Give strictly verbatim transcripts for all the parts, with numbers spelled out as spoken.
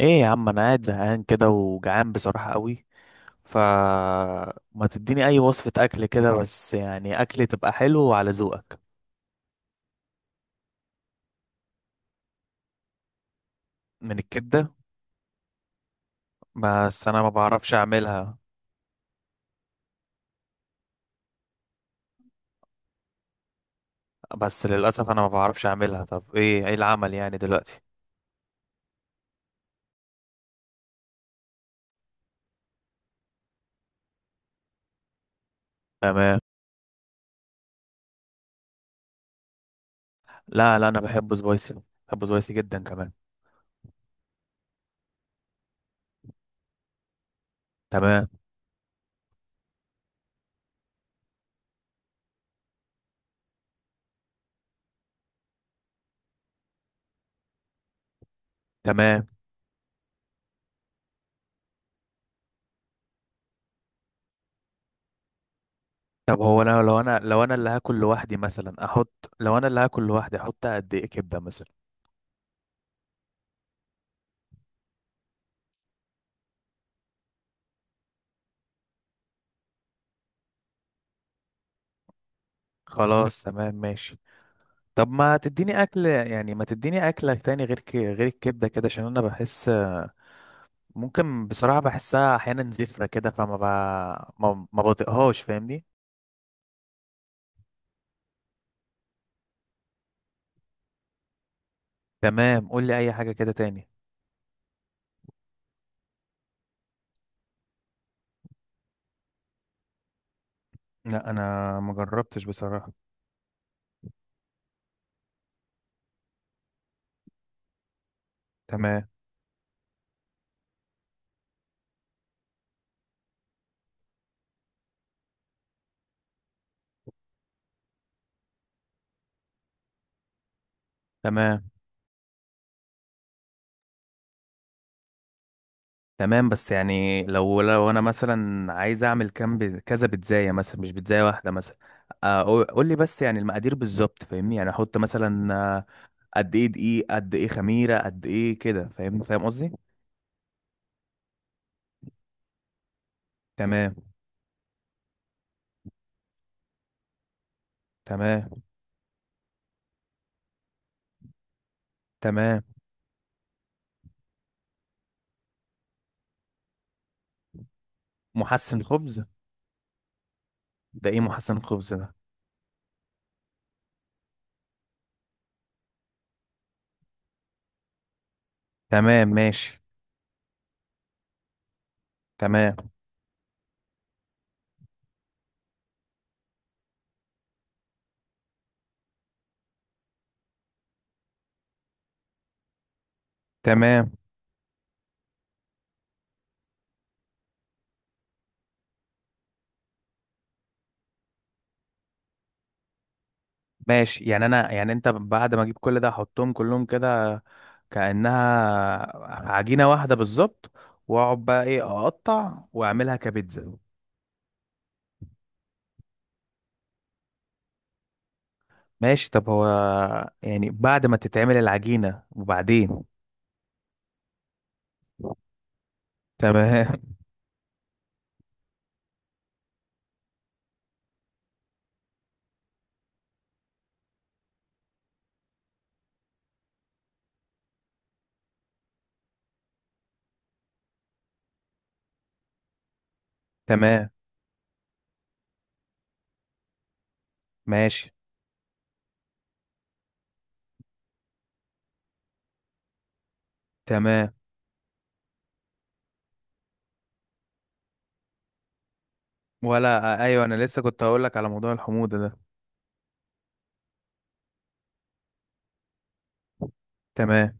ايه يا عم، انا قاعد زهقان كده وجعان بصراحة قوي. فما تديني اي وصفة اكل كده، بس يعني اكل تبقى حلو على ذوقك. من الكبدة؟ بس انا ما بعرفش اعملها. بس للاسف انا ما بعرفش اعملها. طب ايه ايه العمل يعني دلوقتي؟ تمام. لا، لا، انا بحبه سبايسي. بحبه سبايسي جدا كمان. تمام، تمام. طب هو انا لو انا لو انا اللي هاكل لوحدي، مثلا احط لو انا اللي هاكل لوحدي احط قد ايه كبدة مثلا؟ خلاص، تمام، ماشي. طب ما تديني اكل، يعني ما تديني اكله تاني غير ك... غير الكبده كده، عشان انا بحس، ممكن بصراحه بحسها احيانا زفره كده، فما ب... ما ما بطيقهاش، فاهمني. تمام، قول لي اي حاجه كده تاني. لا، انا ما جربتش بصراحه. تمام، تمام، تمام. بس يعني لو لو انا مثلا عايز اعمل كام ب... كذا بيتزايه مثلا، مش بيتزايه واحده مثلا. آه، قول قول لي، بس يعني المقادير بالظبط، فاهمني. يعني احط مثلا، آه، قد ايه دقيق، قد ايه خميره، قد ايه كده، فاهم فاهم قصدي. تمام، تمام، تمام. محسن خبز؟ ده ايه محسن خبز ده؟ تمام، ماشي. تمام، تمام، ماشي. يعني انا، يعني انت بعد ما اجيب كل ده احطهم كلهم كده، كأنها عجينة واحدة بالظبط، واقعد بقى ايه، اقطع واعملها كبيتزا؟ ماشي. طب هو يعني بعد ما تتعمل العجينة، وبعدين؟ تمام. تمام، ماشي، تمام. ولا، ايوه، انا لسه كنت هقول لك على موضوع الحموضة ده. تمام.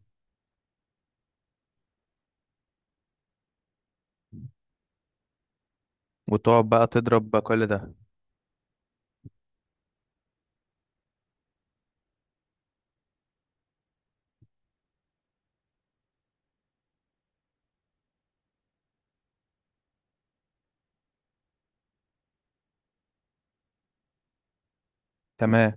وتقعد بقى تضرب بقى كل ده؟ تمام،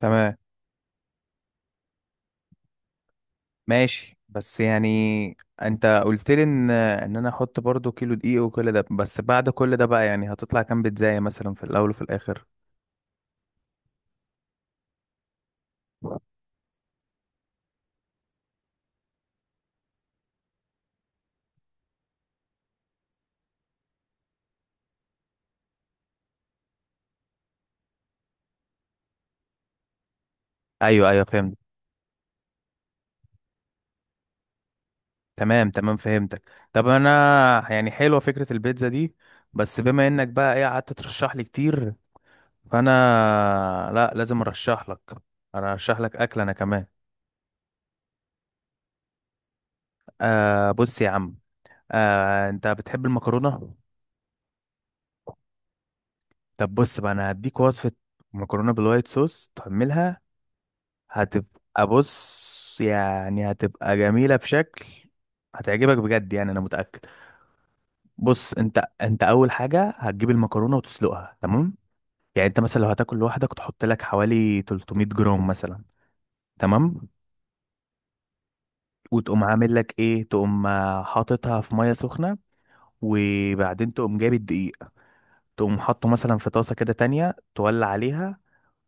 تمام، ماشي. بس يعني انت قلت لي ان ان انا احط برضو كيلو دقيق وكل ده، بس بعد كل ده بقى، يعني هتطلع كام بيتزاية مثلا في الاول وفي الاخر؟ ايوه، ايوه، فهمت. تمام، تمام، فهمتك. طب انا، يعني حلوه فكره البيتزا دي، بس بما انك بقى ايه قعدت ترشح لي كتير، فانا، لا، لازم ارشح لك. انا ارشح لك اكل انا كمان. آه، بص يا عم. آه، انت بتحب المكرونه؟ طب بص بقى، انا هديك وصفه، مكرونه بالوايت صوص تعملها. هتبقى، بص يعني، هتبقى جميله بشكل. هتعجبك بجد، يعني انا متاكد. بص، انت انت اول حاجه هتجيب المكرونه وتسلقها، تمام؟ يعني انت مثلا لو هتاكل لوحدك، تحط لك حوالي 300 جرام مثلا. تمام. وتقوم عامل لك ايه، تقوم آه، حاططها في ميه سخنه. وبعدين تقوم جايب الدقيق. تقوم حاطه مثلا في طاسه كده تانية، تولع عليها.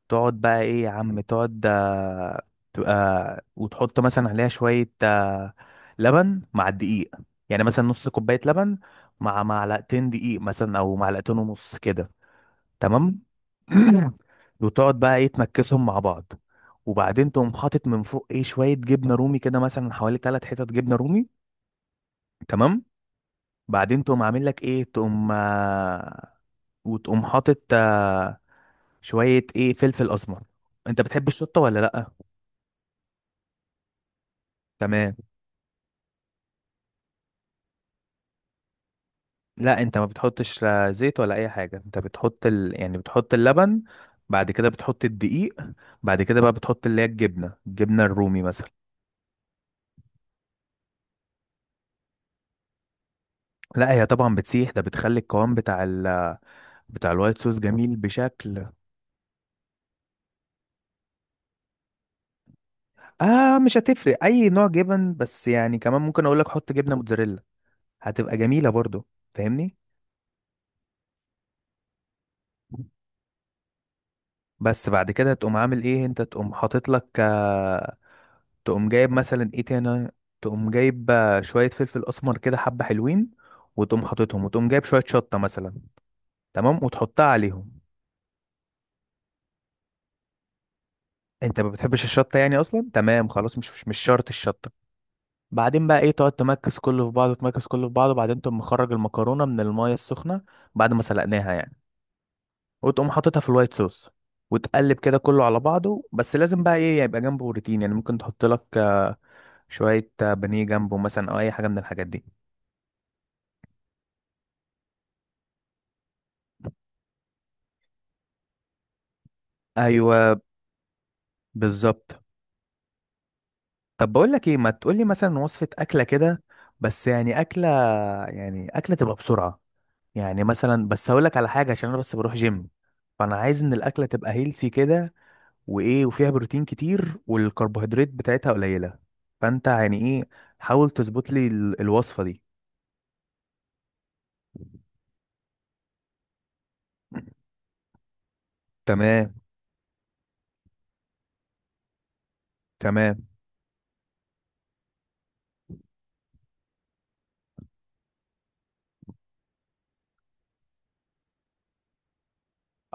تقعد بقى ايه يا عم، تقعد آه، تبقى، وتحط مثلا عليها شويه آه، لبن مع الدقيق. يعني مثلا نص كوبايه لبن، مع معلقتين دقيق مثلا، او معلقتين ونص كده. تمام. وتقعد بقى ايه تمكسهم مع بعض. وبعدين تقوم حاطط من فوق ايه شويه جبنه رومي كده، مثلا حوالي ثلاث حتت جبنه رومي. تمام. بعدين تقوم عامل لك ايه، تقوم، آه، وتقوم حاطط آه، شويه ايه، فلفل اسمر. انت بتحب الشطه ولا لا؟ تمام. لا، انت ما بتحطش لا زيت ولا اي حاجه، انت بتحط ال... يعني بتحط اللبن. بعد كده بتحط الدقيق. بعد كده بقى بتحط اللي هي الجبنه الجبنه الرومي مثلا. لا، هي طبعا بتسيح، ده بتخلي القوام بتاع ال بتاع الوايت صوص جميل بشكل. اه، مش هتفرق اي نوع جبن، بس يعني كمان ممكن اقول لك حط جبنه موتزاريلا، هتبقى جميله برضو، فاهمني. بس بعد كده تقوم عامل ايه انت، تقوم حاطط لك آه، تقوم جايب مثلا ايه تاني، تقوم جايب آه، شويه فلفل اسمر كده حبه حلوين، وتقوم حاططهم، وتقوم جايب شويه شطه مثلا، تمام، وتحطها عليهم. انت ما بتحبش الشطه يعني اصلا؟ تمام، خلاص، مش مش مش شرط الشطه. بعدين بقى ايه، تقعد تمكس كله في بعضه، تمكس كله في بعضه، بعدين تقوم مخرج المكرونه من المايه السخنه، بعد ما سلقناها يعني، وتقوم حاططها في الوايت صوص، وتقلب كده كله على بعضه. بس لازم بقى ايه يبقى جنبه بروتين، يعني ممكن تحط لك آه، شويه آه، بانيه جنبه مثلا، او اي حاجه من الحاجات دي. ايوه، بالظبط. طب بقول لك ايه، ما تقول لي مثلا وصفه اكله كده، بس يعني اكله، يعني اكله تبقى بسرعه. يعني مثلا بس هقول لك على حاجه، عشان انا بس بروح جيم، فانا عايز ان الاكله تبقى هيلسي كده، وايه، وفيها بروتين كتير والكربوهيدرات بتاعتها قليله. فانت يعني ايه، حاول تظبط لي ال- الوصفه دي. تمام، تمام.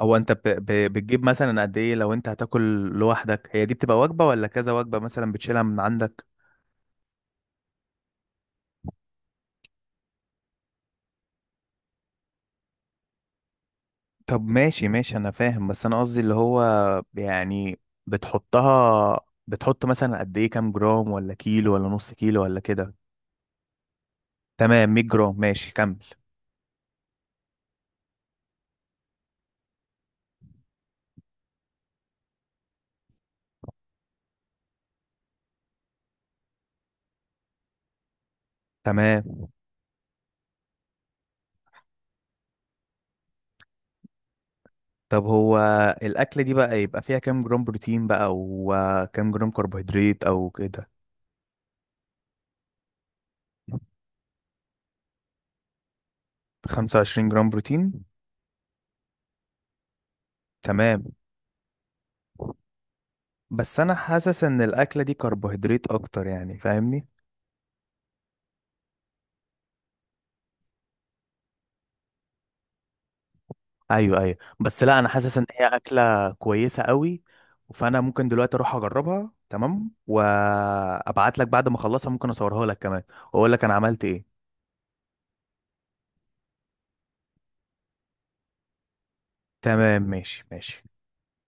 او انت ب... ب... بتجيب مثلا قد ايه لو انت هتاكل لوحدك؟ هي دي بتبقى وجبه ولا كذا وجبه مثلا بتشيلها من عندك؟ طب ماشي، ماشي، انا فاهم، بس انا قصدي اللي هو، يعني بتحطها، بتحط مثلا قد ايه، كام جرام ولا كيلو ولا نص كيلو ولا كده؟ تمام، 100 جرام، ماشي، كمل. تمام. طب هو الأكلة دي بقى يبقى فيها كام جرام بروتين بقى، وكام جرام كربوهيدرات أو كده؟ 25 جرام بروتين؟ تمام. بس أنا حاسس إن الأكلة دي كربوهيدرات أكتر، يعني فاهمني. ايوه، ايوه، بس لا، انا حاسس ان هي اكله كويسه قوي، فانا ممكن دلوقتي اروح اجربها، تمام، وابعت لك بعد ما اخلصها، ممكن اصورها لك كمان، واقول لك انا عملت ايه. تمام، ماشي، ماشي.